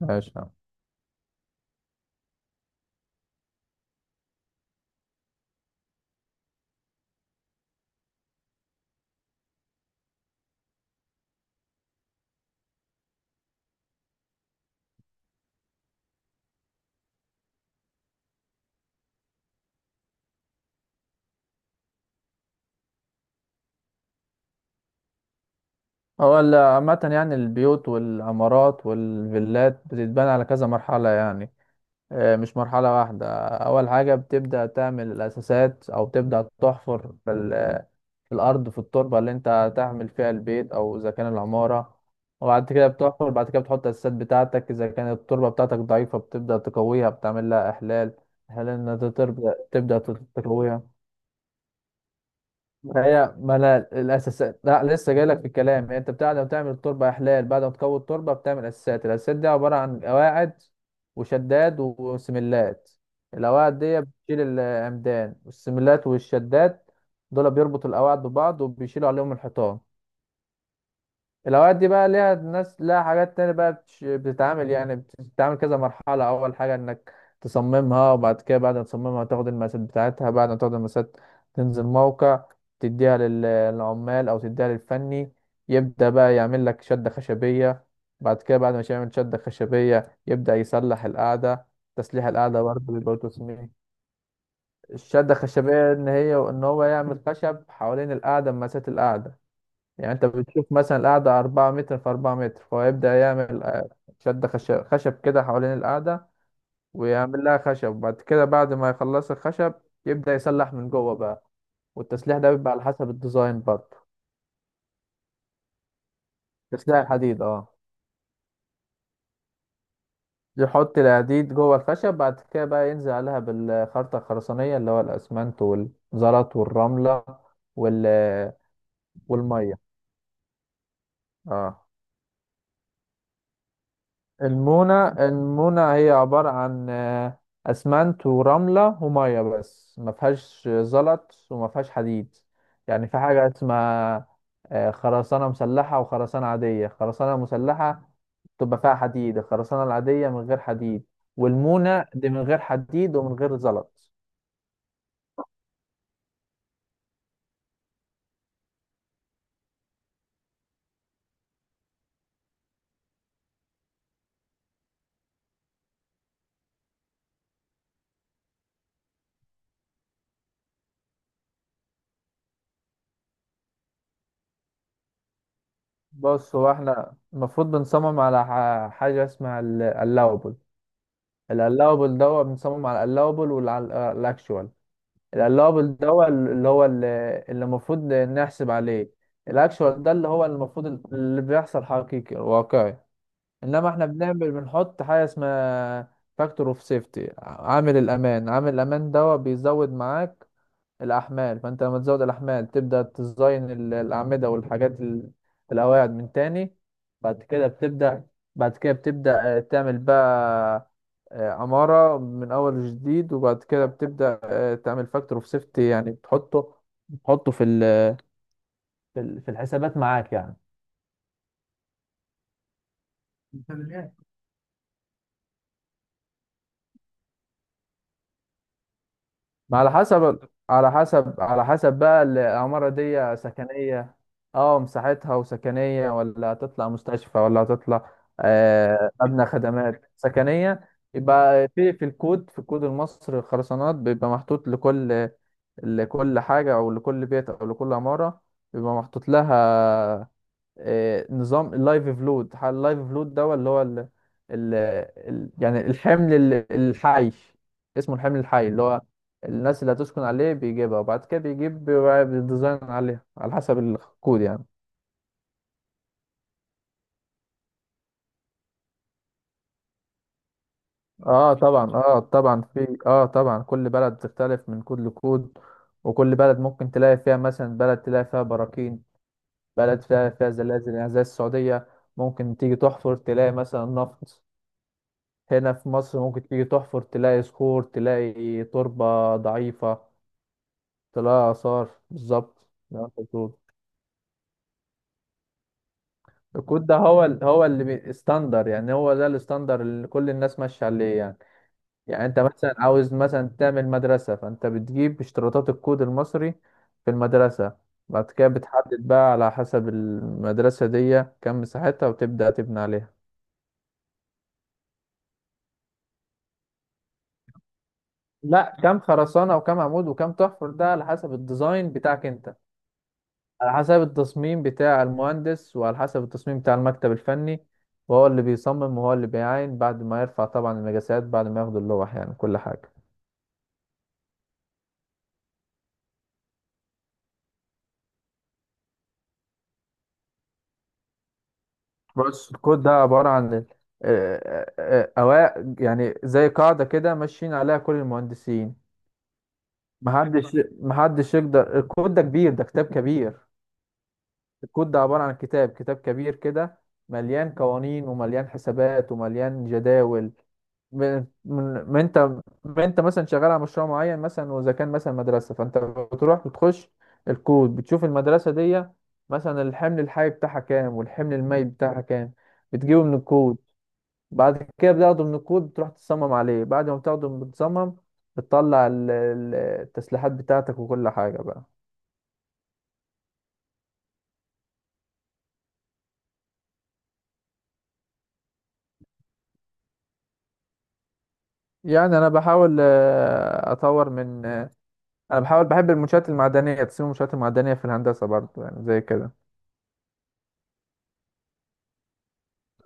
ماشي يا عم. هو عامة يعني البيوت والعمارات والفيلات بتتبنى على كذا مرحلة يعني. مش مرحلة واحدة. أول حاجة بتبدأ تعمل الأساسات أو تبدأ تحفر في في الأرض، في التربة اللي أنت هتعمل فيها البيت أو إذا كان العمارة. وبعد كده بتحفر، بعد كده بتحط الأساسات بتاعتك. إذا كانت التربة بتاعتك ضعيفة بتبدأ تقويها، بتعمل لها إحلال. إحلال إنها تبدأ تقويها. هي ما انا الاساسات لا لسه جاي لك في الكلام. هي انت بتاع لما تعمل التربه احلال، بعد ما تكون التربه بتعمل اساسات. الاساسات دي عباره عن قواعد وشداد وسملات. القواعد دي بتشيل العمدان والسملات والشداد، دول بيربطوا القواعد ببعض وبيشيلوا عليهم الحيطان. الاوقات دي بقى ليها ناس لها حاجات تانية بقى بتتعامل، يعني بتتعامل كذا مرحلة. اول حاجة انك تصممها، وبعد كده بعد ما تصممها تاخد المقاسات بتاعتها. بعد ما تاخد المقاسات تنزل موقع، تديها للعمال او تديها للفني. يبدأ بقى يعمل لك شدة خشبية. بعد كده بعد ما يعمل شدة خشبية يبدأ يصلح القعدة. تصليح القعدة برضه بيبقى له تصميم. الشدة الخشبية ان هي ان هو يعمل خشب حوالين القعدة، مسات القعدة. يعني انت بتشوف مثلا القعدة أربعة متر في أربعة متر، فهو يبدأ يعمل شد خشب، خشب كده حوالين القعدة، ويعمل لها خشب. وبعد كده بعد ما يخلص الخشب يبدأ يسلح من جوه بقى. والتسليح ده بيبقى على حسب الديزاين برضه. تسليح الحديد، اه. يحط الحديد جوه الخشب، بعد كده بقى ينزل عليها بالخرطة الخرسانية اللي هو الأسمنت والزلط والرملة وال والمية. اه. المونة هي عبارة عن أسمنت ورملة ومية بس، ما فيهاش زلط وما فيهاش حديد. يعني في حاجة اسمها خرسانة مسلحة وخرسانة عادية. خرسانة مسلحة تبقى فيها حديد، الخرسانة العادية من غير حديد، والمونة دي من غير حديد ومن غير زلط. بص، هو احنا المفروض بنصمم على حاجة اسمها اللاوبل. اللاوبل ده، هو بنصمم على اللاوبل والأكشوال. القلابل ده هو اللي المفروض نحسب عليه. الاكشوال ده اللي هو المفروض اللي بيحصل حقيقي واقعي. انما احنا بنحط حاجه اسمها فاكتور اوف سيفتي، عامل الامان. عامل الامان ده بيزود معاك الأحمال، فأنت لما تزود الأحمال تبدأ تزين الأعمدة والحاجات القواعد من تاني. بعد كده بتبدأ بعد كده بتبدأ تعمل بقى عمارة من أول جديد. وبعد كده بتبدأ تعمل فاكتور أوف سيفتي، يعني بتحطه في في الحسابات معاك. يعني ما على حسب بقى، العمارة دي سكنية. اه مساحتها، وسكنية ولا هتطلع مستشفى ولا هتطلع مبنى خدمات سكنية. يبقى في الكود في الكود المصري، الخرسانات بيبقى محطوط لكل حاجة، أو لكل بيت أو لكل عمارة بيبقى محطوط لها نظام اللايف فلود. اللايف فلود ده اللي هو يعني الحمل الحي، اسمه الحمل الحي اللي هو الناس اللي هتسكن عليه، بيجيبها وبعد كده بيجيب بيبقى بالديزاين عليها على حسب الكود يعني. اه طبعا اه طبعا في اه طبعا كل بلد بتختلف من كود لكود. وكل بلد ممكن تلاقي فيها مثلا بلد تلاقي فيها براكين، بلد فيها زلازل يعني زي السعودية. ممكن تيجي تحفر تلاقي مثلا نفط. هنا في مصر ممكن تيجي تحفر تلاقي صخور، تلاقي تربة ضعيفة، تلاقي آثار بالظبط زي ما انت بتقول. الكود ده هو هو اللي standard، يعني هو ده الستاندر اللي كل الناس ماشية عليه يعني. يعني انت مثلا عاوز مثلا تعمل مدرسة، فانت بتجيب اشتراطات الكود المصري في المدرسة. بعد كده بتحدد بقى على حسب المدرسة دي كم مساحتها، وتبدأ تبني عليها. لا، كم خرسانة وكم عمود وكم تحفر، ده على حسب الديزاين بتاعك انت، على حسب التصميم بتاع المهندس وعلى حسب التصميم بتاع المكتب الفني، وهو اللي بيصمم وهو اللي بيعاين بعد ما يرفع طبعا المقاسات، بعد ما ياخد اللوح، يعني كل حاجة. بص، الكود ده عبارة عن أوائل، يعني زي قاعدة كده ماشيين عليها كل المهندسين. محدش يقدر، الكود ده كبير، ده كتاب كبير. الكود ده عبارة عن كتاب كبير كده مليان قوانين ومليان حسابات ومليان جداول. ب- من ما انت ما انت مثلا شغال على مشروع معين، مثلا واذا كان مثلا مدرسه، فانت بتروح بتخش الكود، بتشوف المدرسه دي مثلا الحمل الحي بتاعها كام والحمل المائي بتاعها كام، بتجيبه من الكود. بعد كده بتاخده من الكود، بتروح تصمم عليه. بعد ما بتاخده بتصمم، بتطلع التسليحات بتاعتك وكل حاجه بقى. يعني انا بحاول اطور من انا بحاول، بحب المنشآت المعدنيه، تصميم المنشآت المعدنيه في الهندسه برضه يعني زي كده.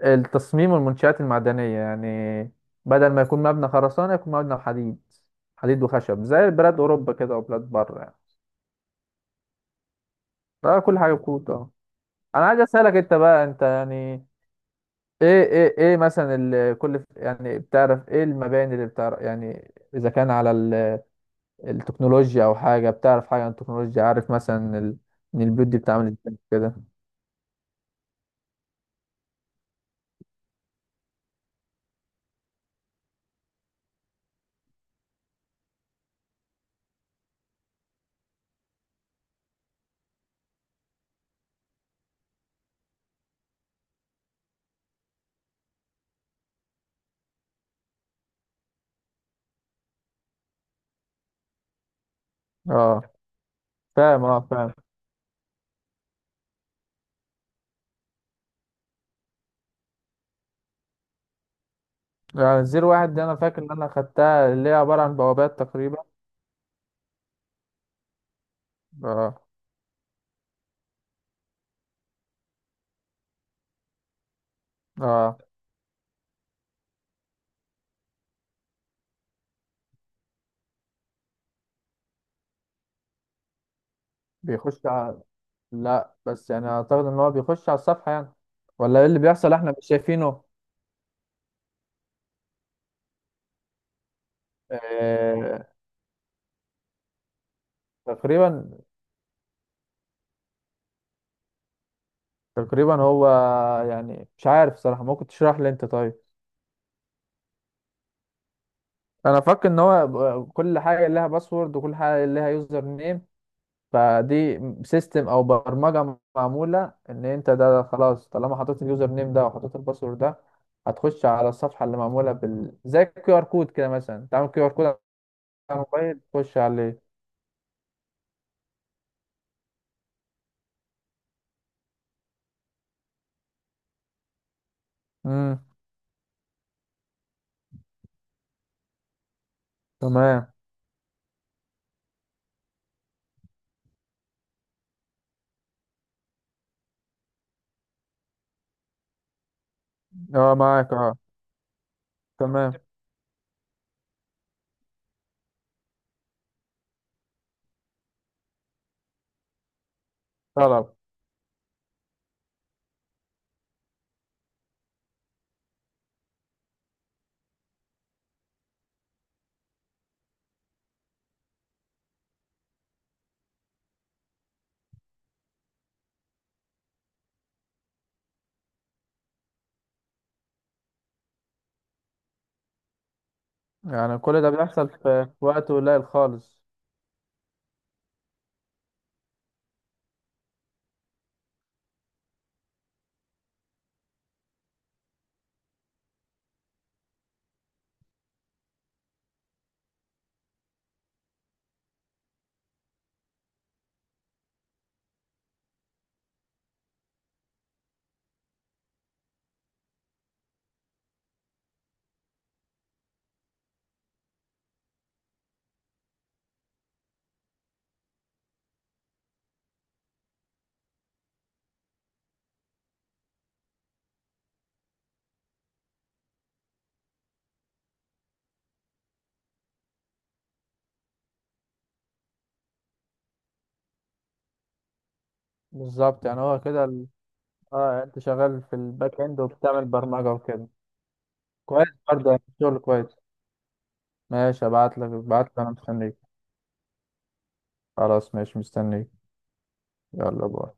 التصميم والمنشآت المعدنية يعني بدل ما يكون مبنى خرسانة يكون مبنى حديد، حديد وخشب زي بلاد أوروبا كده وبلاد بره يعني. ده كل حاجة بكوت، اه. أنا عايز أسألك أنت بقى، أنت يعني إيه مثلا كل، يعني بتعرف إيه المباني اللي بتعرف، يعني إذا كان على التكنولوجيا أو حاجة، بتعرف حاجة عن التكنولوجيا؟ عارف مثلا إن البيوت دي بتعمل إزاي كده؟ أه، فاهم. أه، فاهم. يعني زيرو واحد دي أنا فاكر إن أنا خدتها، اللي هي عبارة عن بوابات تقريبا. أه. أه. بيخش على لا بس يعني اعتقد ان هو بيخش على الصفحة يعني، ولا ايه اللي بيحصل احنا مش شايفينه؟ آه... تقريبا تقريبا هو يعني مش عارف صراحة، ممكن تشرح لي انت طيب. انا فاكر ان هو كل حاجة لها باسورد وكل حاجة لها يوزر نيم، فدي سيستم او برمجة معمولة ان انت ده خلاص طالما حطيت اليوزر نيم ده وحطيت الباسورد ده هتخش على الصفحة، اللي معمولة بال زي الكيو ار كود كده، مثلا تعمل كيو ار كود على الموبايل تخش عليه. تمام. اه، معاك، اه. تمام. طلب. يعني كل ده بيحصل في في وقت قليل خالص. بالظبط، يعني هو كده اه. يعني انت شغال في الباك اند وبتعمل برمجة وكده. كويس، برضه يعني شغل كويس. ماشي، ابعت لك انا مستنيك. خلاص ماشي، مستنيك. يلا باي.